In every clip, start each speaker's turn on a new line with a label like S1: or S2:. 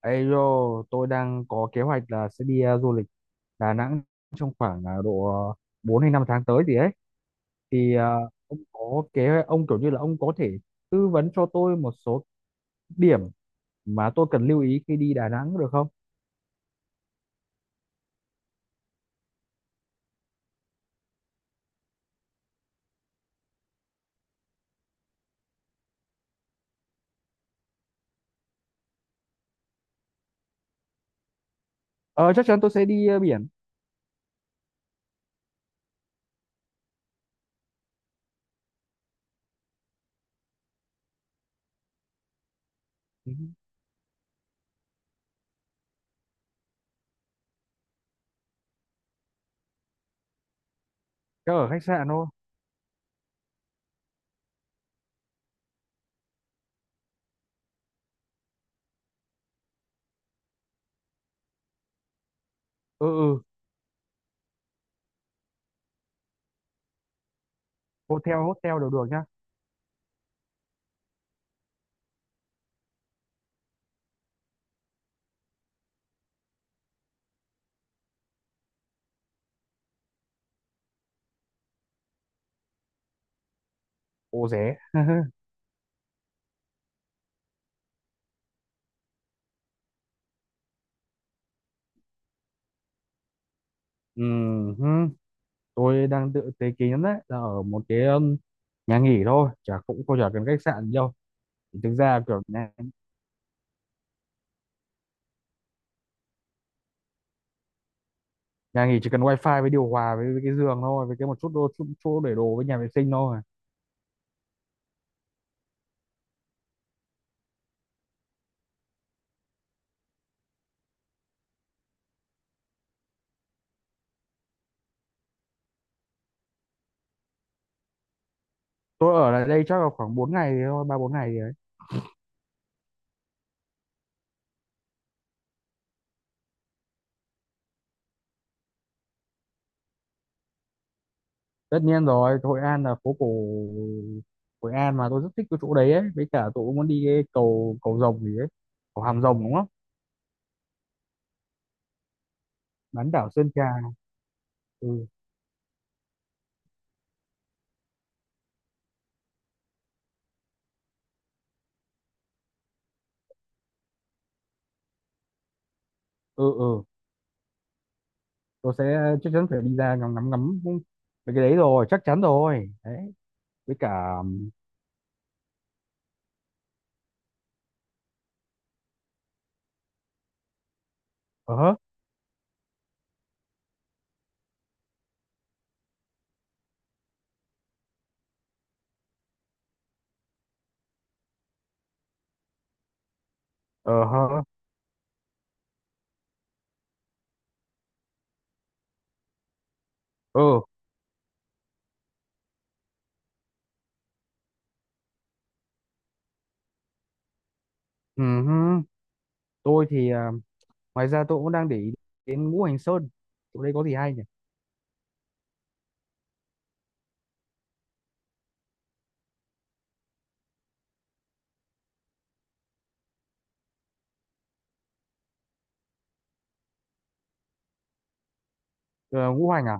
S1: Ê yo, tôi đang có kế hoạch là sẽ đi du lịch Đà Nẵng trong khoảng 4 hay 5 tháng tới gì ấy. Thì ờ, ông có kế ông kiểu như là ông có thể tư vấn cho tôi một số điểm mà tôi cần lưu ý khi đi Đà Nẵng được không? Ờ, chắc chắn tôi sẽ đi biển. Ừ, chắc ở khách sạn thôi. Ừ, ừ, hotel hotel đều được nhá. Ô rẻ. Ừ, hứ, tôi đang tự tế kỷ lắm, đấy là ở một cái nhà nghỉ thôi, chả cũng không chả cần khách sạn gì đâu. Thực ra kiểu nhà nhà nghỉ chỉ cần wifi với điều hòa với cái giường thôi, với cái một chút đô chút chỗ để đồ với nhà vệ sinh thôi. Tôi ở lại đây chắc là khoảng 4 ngày thì thôi, ba bốn ngày thì đấy. Tất nhiên rồi, Hội An là phố cổ, Hội An mà tôi rất thích cái chỗ đấy ấy, với cả tôi cũng muốn đi cái cầu cầu rồng gì ấy. Cầu Hàm Rồng đúng không? Bán đảo Sơn Trà. Ừ, ừ, ừ, tôi sẽ chắc chắn phải đi ra ngắm ngắm ngắm mấy cái đấy rồi, chắc chắn rồi đấy. Với cả ờ hớ, ờ hớ, ừ, ừ hứ. Tôi thì ngoài ra tôi cũng đang để ý đến ngũ hành sơn, chỗ đấy có gì hay nhỉ? Ờ, ngũ hành à.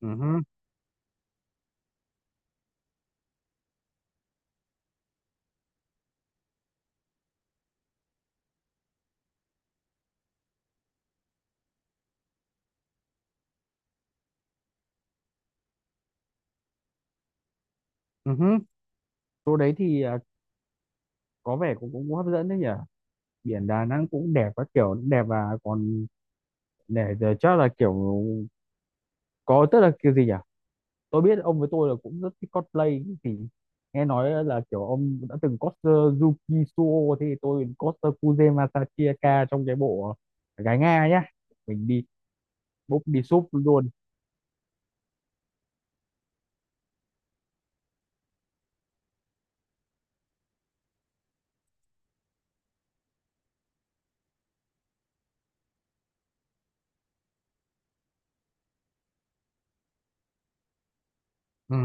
S1: Ừ hứ, ừ hứ. Chỗ đấy thì có vẻ cũng hấp dẫn đấy nhỉ. Biển Đà Nẵng cũng đẹp, các kiểu cũng đẹp, và còn để chắc là kiểu có, tức là kiểu gì nhỉ, tôi biết ông với tôi là cũng rất thích cosplay thì nghe nói là kiểu ông đã từng cosplay Yuki Suo thì tôi cosplay Kuze Masachika trong cái bộ gái Nga nhá. Mình đi bốc đi súp luôn. Ừ,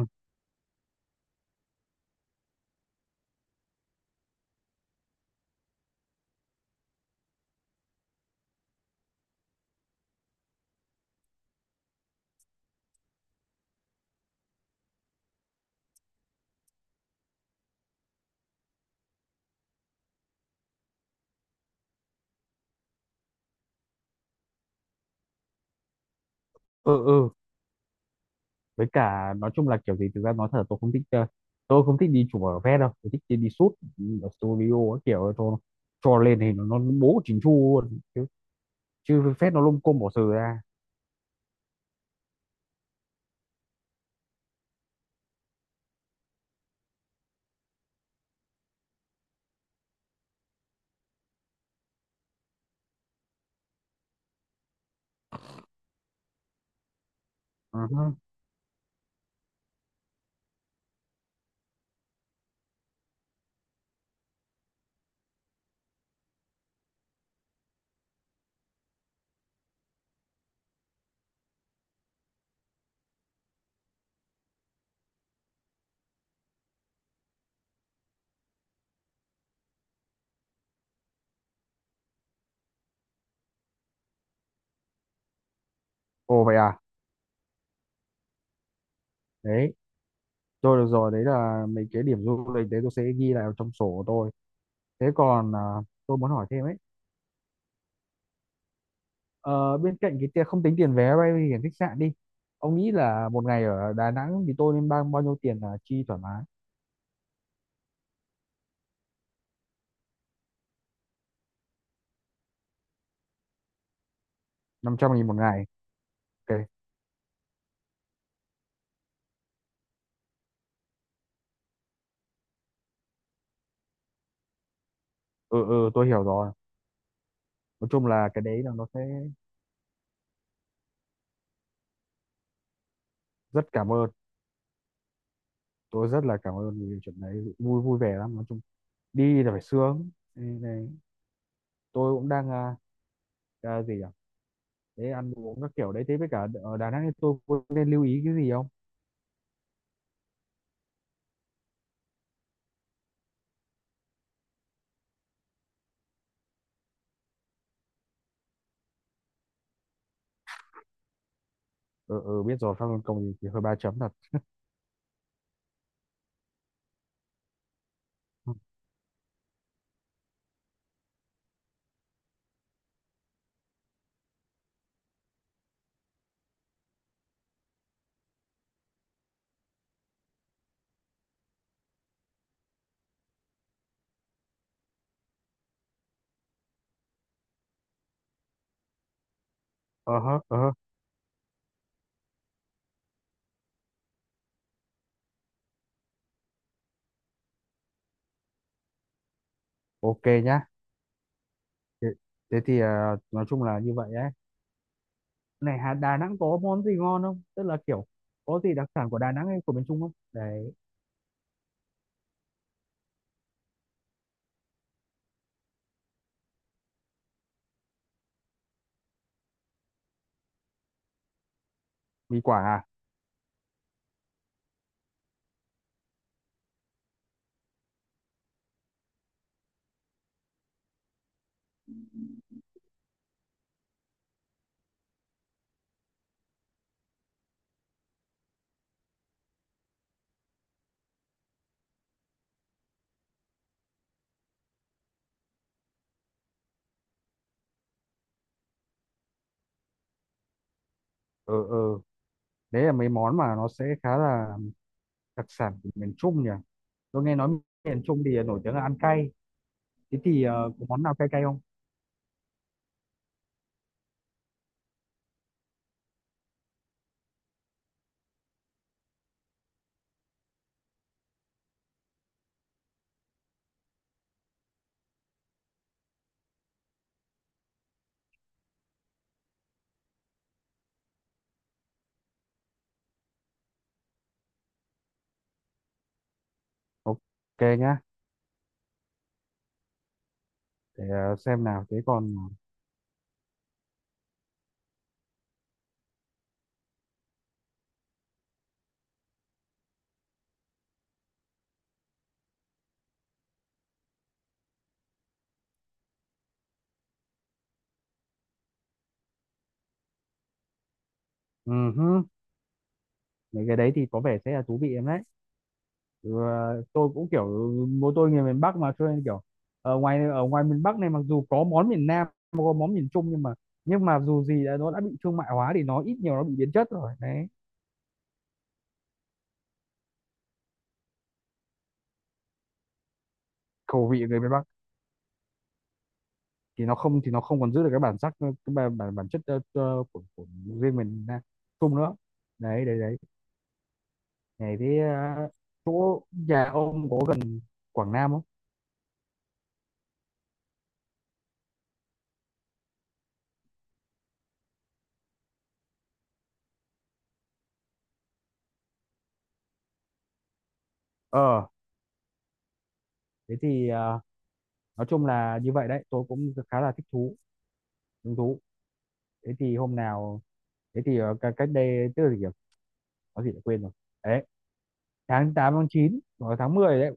S1: ừ, ừ, với cả nói chung là kiểu gì, thực ra nói thật là tôi không thích tôi không thích đi chụp ở vé đâu, tôi thích đi, đi shoot ở studio ấy, kiểu cho lên thì nó bố chỉnh chu luôn chứ, chứ phép nó lung côm bỏ sừ ra. Ừ hứ. Ồ vậy à. Đấy, tôi được rồi, đấy là mấy cái điểm du lịch đấy tôi sẽ ghi lại vào trong sổ của tôi. Thế còn tôi muốn hỏi thêm ấy, ờ, bên cạnh cái tiền không tính tiền vé bay thì khách sạn đi, ông nghĩ là một ngày ở Đà Nẵng thì tôi nên bao bao nhiêu tiền là chi thoải mái? 500.000 một ngày. Ok. Ừ, ừ, tôi hiểu rồi. Nói chung là cái đấy là nó sẽ rất cảm ơn. Tôi rất là cảm ơn vì chuyện đấy. Vui vui vẻ lắm, nói chung đi là phải sướng. Đây này, tôi cũng đang gì à, thế ăn uống các kiểu đấy, thế với cả ở Đà Nẵng thì tôi có nên lưu ý cái gì không? Ừ, ừ biết rồi, Phan Văn Công thì, hơi ba chấm thật. Ờ hớ, ờ hớ. Ok nhá. thế, thế thì nói chung là như vậy ấy. Này Hà, Đà Nẵng có món gì ngon không, tức là kiểu có gì đặc sản của Đà Nẵng hay của miền Trung không đấy? Mì quả à. Ừ, ừ, đấy là mấy món mà nó sẽ khá là đặc sản của miền Trung nhỉ? Tôi nghe nói miền Trung thì nổi tiếng là ăn cay. Thế thì có món nào cay cay không? Ok nhá, xem nào. Thế còn ừ hứ, mấy cái đấy thì có vẻ sẽ là thú vị em đấy. Ừ, ờ, tôi cũng kiểu bố tôi người miền Bắc mà cho nên kiểu ở ngoài miền Bắc này mặc dù có món miền Nam, có món miền Trung, nhưng mà dù gì đã, nó đã bị thương mại hóa thì nó ít nhiều nó bị biến chất rồi. Đấy, khẩu vị người miền Bắc. Thì nó không còn giữ được cái bản sắc, cái bản bản, bản chất của riêng mình chung nữa. Đấy, đấy, đấy. Này thế ờ, chỗ nhà ông có gần Quảng Nam không? Ờ, thế thì nói chung là như vậy đấy, tôi cũng khá là thích thú, hứng thú. Thế thì hôm nào, thế thì cách cách đây tức là gì nhỉ? Có gì đã quên rồi. Đấy, tháng 8, tháng 9 hoặc là tháng 10 đấy,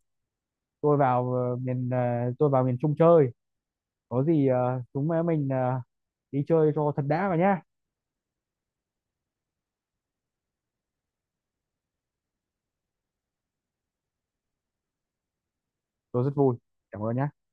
S1: tôi vào tôi vào miền Trung chơi, có gì chúng mình đi chơi cho thật đã vào nhá. Tôi rất vui, cảm ơn nhá.